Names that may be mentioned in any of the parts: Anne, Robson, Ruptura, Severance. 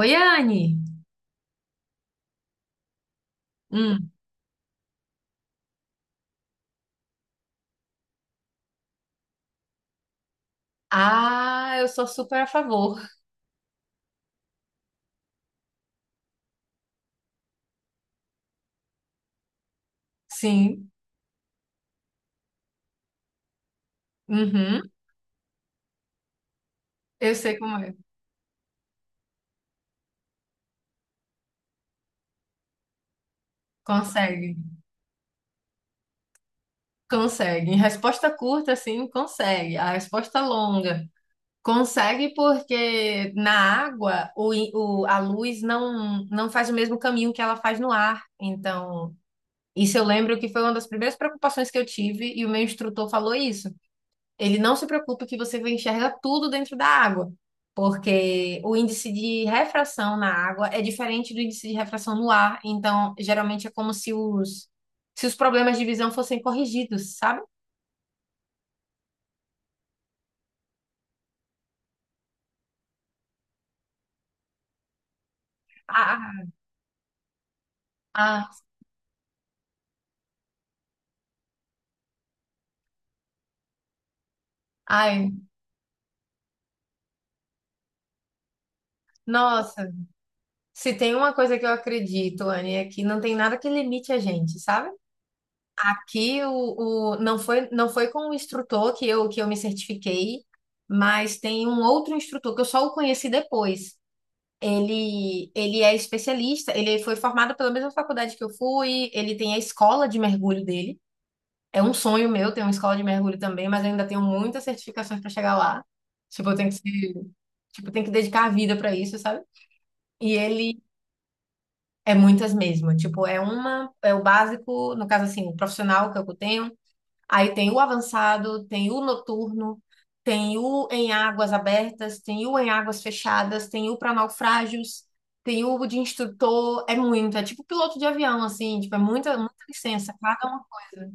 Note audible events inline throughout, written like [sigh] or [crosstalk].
Oi, Anne. Hum. Ah, eu sou super a favor. Sim. Uhum. Eu sei como é. Consegue. Consegue. Em resposta curta, sim, consegue. A resposta longa. Consegue porque na água a luz não faz o mesmo caminho que ela faz no ar. Então, isso eu lembro que foi uma das primeiras preocupações que eu tive e o meu instrutor falou isso. Ele não se preocupa que você enxerga tudo dentro da água, porque o índice de refração na água é diferente do índice de refração no ar. Então, geralmente é como se os problemas de visão fossem corrigidos, sabe? Ah, ah, ah, ai, nossa. Se tem uma coisa que eu acredito, Anne, é que não tem nada que limite a gente, sabe? Aqui o não foi com o instrutor que eu me certifiquei, mas tem um outro instrutor que eu só o conheci depois. Ele é especialista, ele foi formado pela mesma faculdade que eu fui, ele tem a escola de mergulho dele. É um sonho meu ter uma escola de mergulho também, mas eu ainda tenho muitas certificações para chegar lá. Tipo, eu tenho que ser, tipo, eu tenho que dedicar a vida para isso, sabe? E ele é muitas mesmo, tipo, é o básico, no caso assim, o profissional que eu tenho. Aí tem o avançado, tem o noturno, tem o em águas abertas, tem o em águas fechadas, tem o para naufrágios, tem o de instrutor. É muito, é tipo piloto de avião, assim, tipo, é muita, muita licença, cada uma coisa.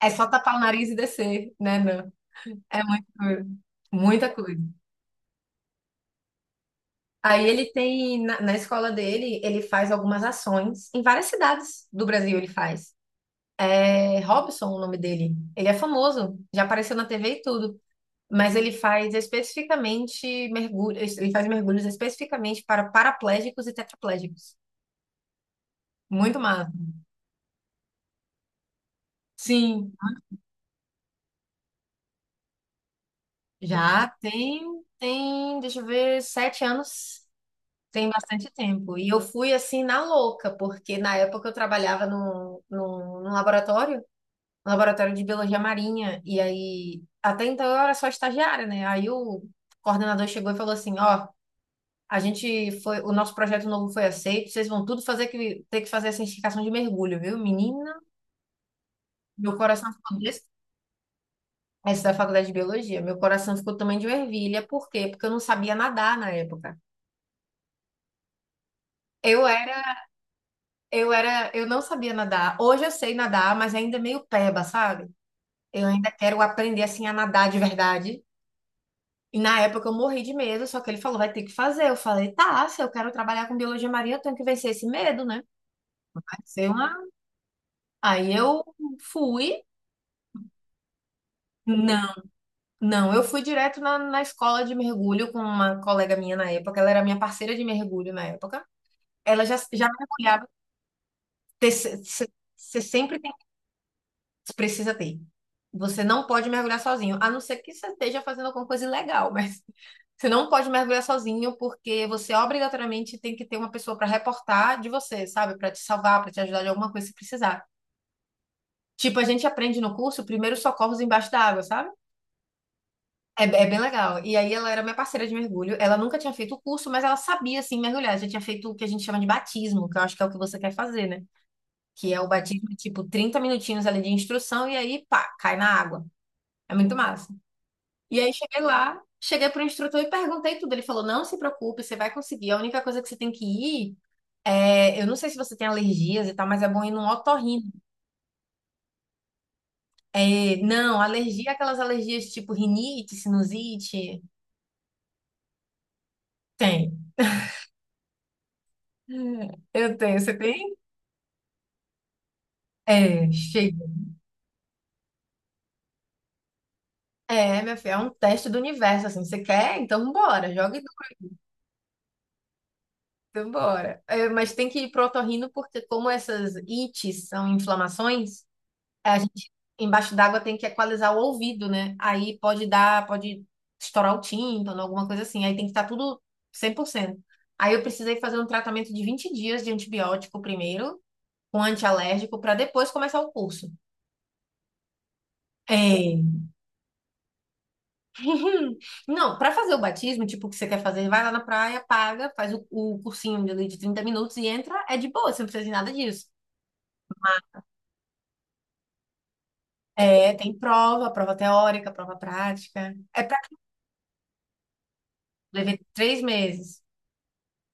É só tapar o nariz e descer, né? Não. É muita coisa. Muita coisa. Aí ele tem, na escola dele, ele faz algumas ações em várias cidades do Brasil, ele faz. É Robson o nome dele. Ele é famoso, já apareceu na TV e tudo. Mas ele faz especificamente mergulhos, ele faz mergulhos especificamente para paraplégicos e tetraplégicos. Muito massa. Sim, já tem, deixa eu ver, 7 anos, tem bastante tempo. E eu fui assim na louca, porque na época eu trabalhava num laboratório, um laboratório de biologia marinha, e aí até então eu era só estagiária, né? Aí o coordenador chegou e falou assim, ó, a gente foi, o nosso projeto novo foi aceito. Vocês vão tudo fazer que ter que fazer a certificação de mergulho, viu? Menina, meu coração ficou desse, essa da faculdade de biologia. Meu coração ficou também de ervilha. Por quê? Porque eu não sabia nadar na época. Eu era, eu não sabia nadar. Hoje eu sei nadar, mas é ainda meio peba, sabe? Eu ainda quero aprender assim a nadar de verdade. E na época eu morri de medo, só que ele falou, vai ter que fazer. Eu falei, tá, se eu quero trabalhar com biologia marinha, eu tenho que vencer esse medo, né? Vai ser uma... Aí eu fui, não. Não, eu fui direto na escola de mergulho com uma colega minha na época. Ela era minha parceira de mergulho na época. Ela já mergulhava. Você sempre tem, precisa ter. Você não pode mergulhar sozinho, a não ser que você esteja fazendo alguma coisa ilegal, mas [laughs] você não pode mergulhar sozinho porque você obrigatoriamente tem que ter uma pessoa para reportar de você, sabe? Para te salvar, para te ajudar de alguma coisa se precisar. Tipo, a gente aprende no curso primeiros socorros embaixo da água, sabe? É bem legal. E aí ela era minha parceira de mergulho. Ela nunca tinha feito o curso, mas ela sabia assim mergulhar. Já tinha feito o que a gente chama de batismo, que eu acho que é o que você quer fazer, né? Que é o batismo, tipo, 30 minutinhos ali de instrução e aí, pá, cai na água. É muito massa. E aí cheguei lá, cheguei pro instrutor e perguntei tudo. Ele falou: "Não se preocupe, você vai conseguir. A única coisa que você tem que ir é, eu não sei se você tem alergias e tal, mas é bom ir num otorrino." É, não, alergia, é aquelas alergias tipo rinite, sinusite, tem. Eu tenho, você tem? É, chega. É, minha filha, é um teste do universo, assim. Você quer? Então bora, joga e então bora. É, mas tem que ir pro otorrino, porque como essas ites são inflamações, a gente embaixo d'água tem que equalizar o ouvido, né? Aí pode dar, pode estourar o tímpano, alguma coisa assim. Aí tem que estar tudo 100%. Aí eu precisei fazer um tratamento de 20 dias de antibiótico primeiro, com antialérgico, para depois começar o curso. É, [laughs] uhum. Não, para fazer o batismo, tipo, o que você quer fazer, vai lá na praia, paga, faz o cursinho ali de 30 minutos e entra, é de boa, você não precisa de nada disso. É, tem prova, prova teórica, prova prática. É pra Levei 3 meses.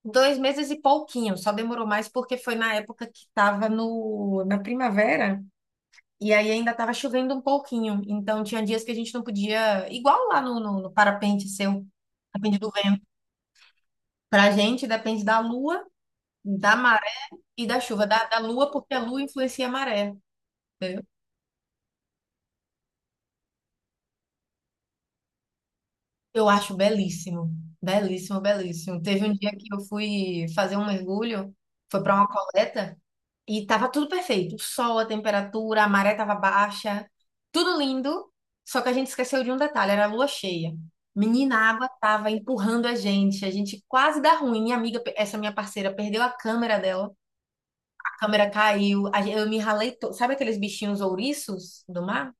2 meses e pouquinho, só demorou mais porque foi na época que tava no, na primavera e aí ainda tava chovendo um pouquinho. Então tinha dias que a gente não podia, igual lá no parapente seu, depende do vento. Pra gente depende da lua, da e da chuva, da lua, porque a lua influencia a maré, entendeu? Eu acho belíssimo, belíssimo, belíssimo. Teve um dia que eu fui fazer um mergulho, foi para uma coleta, e tava tudo perfeito. O sol, a temperatura, a maré tava baixa, tudo lindo, só que a gente esqueceu de um detalhe, era a lua cheia. Menina, a água tava empurrando a gente quase dá ruim. Minha amiga, essa minha parceira, perdeu a câmera dela, a câmera caiu, eu me ralei, sabe aqueles bichinhos ouriços do mar?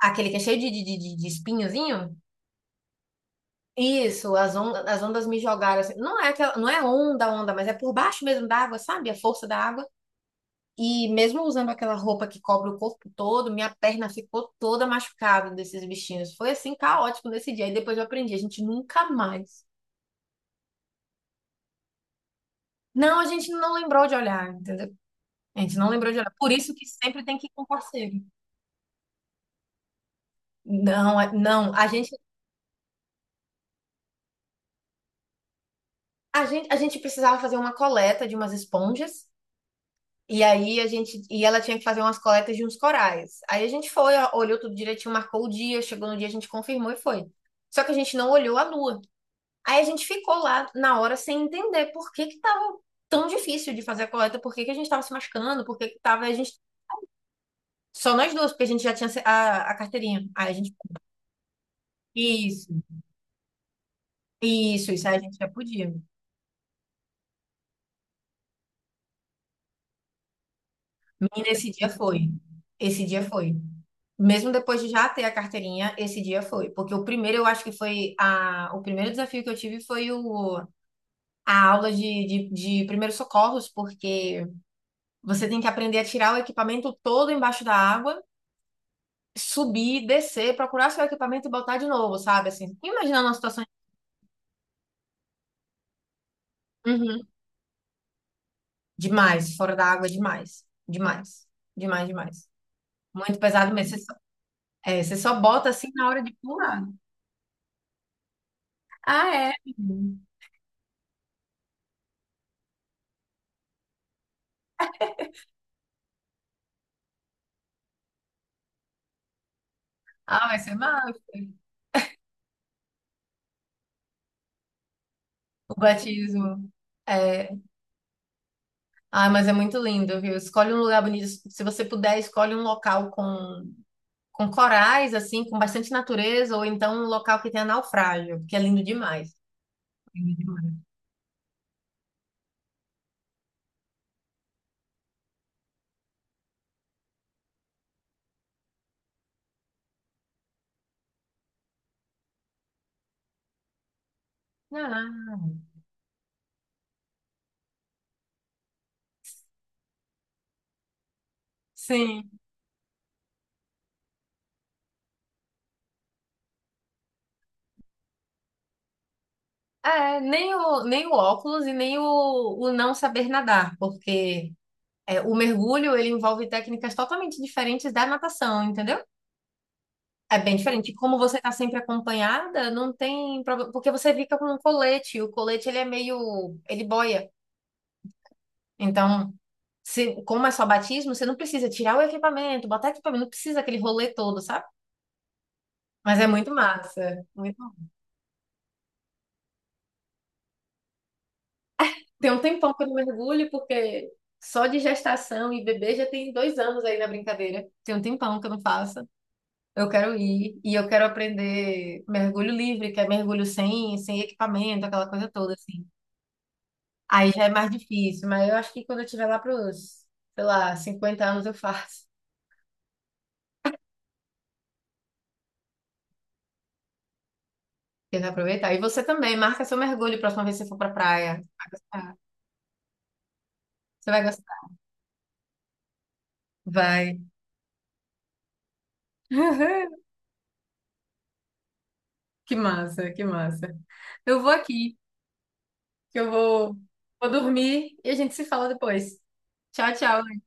Aquele que é cheio de espinhozinho? Isso, as ondas me jogaram assim. Não é aquela, não é onda, onda, mas é por baixo mesmo da água, sabe? A força da água. E mesmo usando aquela roupa que cobre o corpo todo, minha perna ficou toda machucada desses bichinhos. Foi assim caótico nesse dia. E depois eu aprendi, a gente nunca mais. Não, a gente não lembrou de olhar, entendeu? A gente não lembrou de olhar. Por isso que sempre tem que ir com parceiro. Não, não, a gente precisava fazer uma coleta de umas esponjas. E aí a gente, e ela tinha que fazer umas coletas de uns corais. Aí a gente foi, ó, olhou tudo direitinho, marcou o dia, chegou no dia, a gente confirmou e foi. Só que a gente não olhou a lua. Aí a gente ficou lá na hora sem entender por que que tava tão difícil de fazer a coleta, por que que a gente tava se machucando, por que que tava a gente só nós duas, porque a gente já tinha a carteirinha. Aí a gente, isso, isso, aí a gente já podia. Menina, esse dia foi. Esse dia foi. Mesmo depois de já ter a carteirinha, esse dia foi. Porque o primeiro, eu acho que o primeiro desafio que eu tive a aula de primeiros socorros, porque você tem que aprender a tirar o equipamento todo embaixo da água, subir, descer, procurar seu equipamento e botar de novo, sabe? Assim, imaginando uma situação... Uhum. Demais, fora da água, demais. Demais. Demais, demais. Muito pesado mesmo. Você só bota assim na hora de pular. Ah, é? Ah, vai ser massa. O batismo. É... Ah, mas é muito lindo, viu? Escolhe um lugar bonito. Se você puder, escolhe um local com corais, assim, com bastante natureza, ou então um local que tenha naufrágio, que é lindo demais. Lindo demais. Ah, sim. É, nem o óculos e nem o não saber nadar, porque é, o mergulho ele envolve técnicas totalmente diferentes da natação, entendeu? É bem diferente. E como você tá sempre acompanhada, não tem problema, porque você fica com um colete, e o colete ele é meio, ele boia. Então, se, como é só batismo, você não precisa tirar o equipamento, botar equipamento, não precisa aquele rolê todo, sabe? Mas é muito massa. Muito massa. Tem um tempão que eu não mergulho, porque só de gestação e bebê já tem 2 anos aí na brincadeira. Tem um tempão que eu não faço. Eu quero ir e eu quero aprender mergulho livre, que é mergulho sem equipamento, aquela coisa toda, assim. Aí já é mais difícil, mas eu acho que quando eu tiver lá pros, sei lá, 50 anos eu faço. Tem aproveitar. E você também, marca seu mergulho a próxima vez que você for pra praia. Vai gostar. Você vai gostar. Vai. [laughs] Que massa, que massa. Eu vou aqui, que eu vou dormir e a gente se fala depois. Tchau, tchau.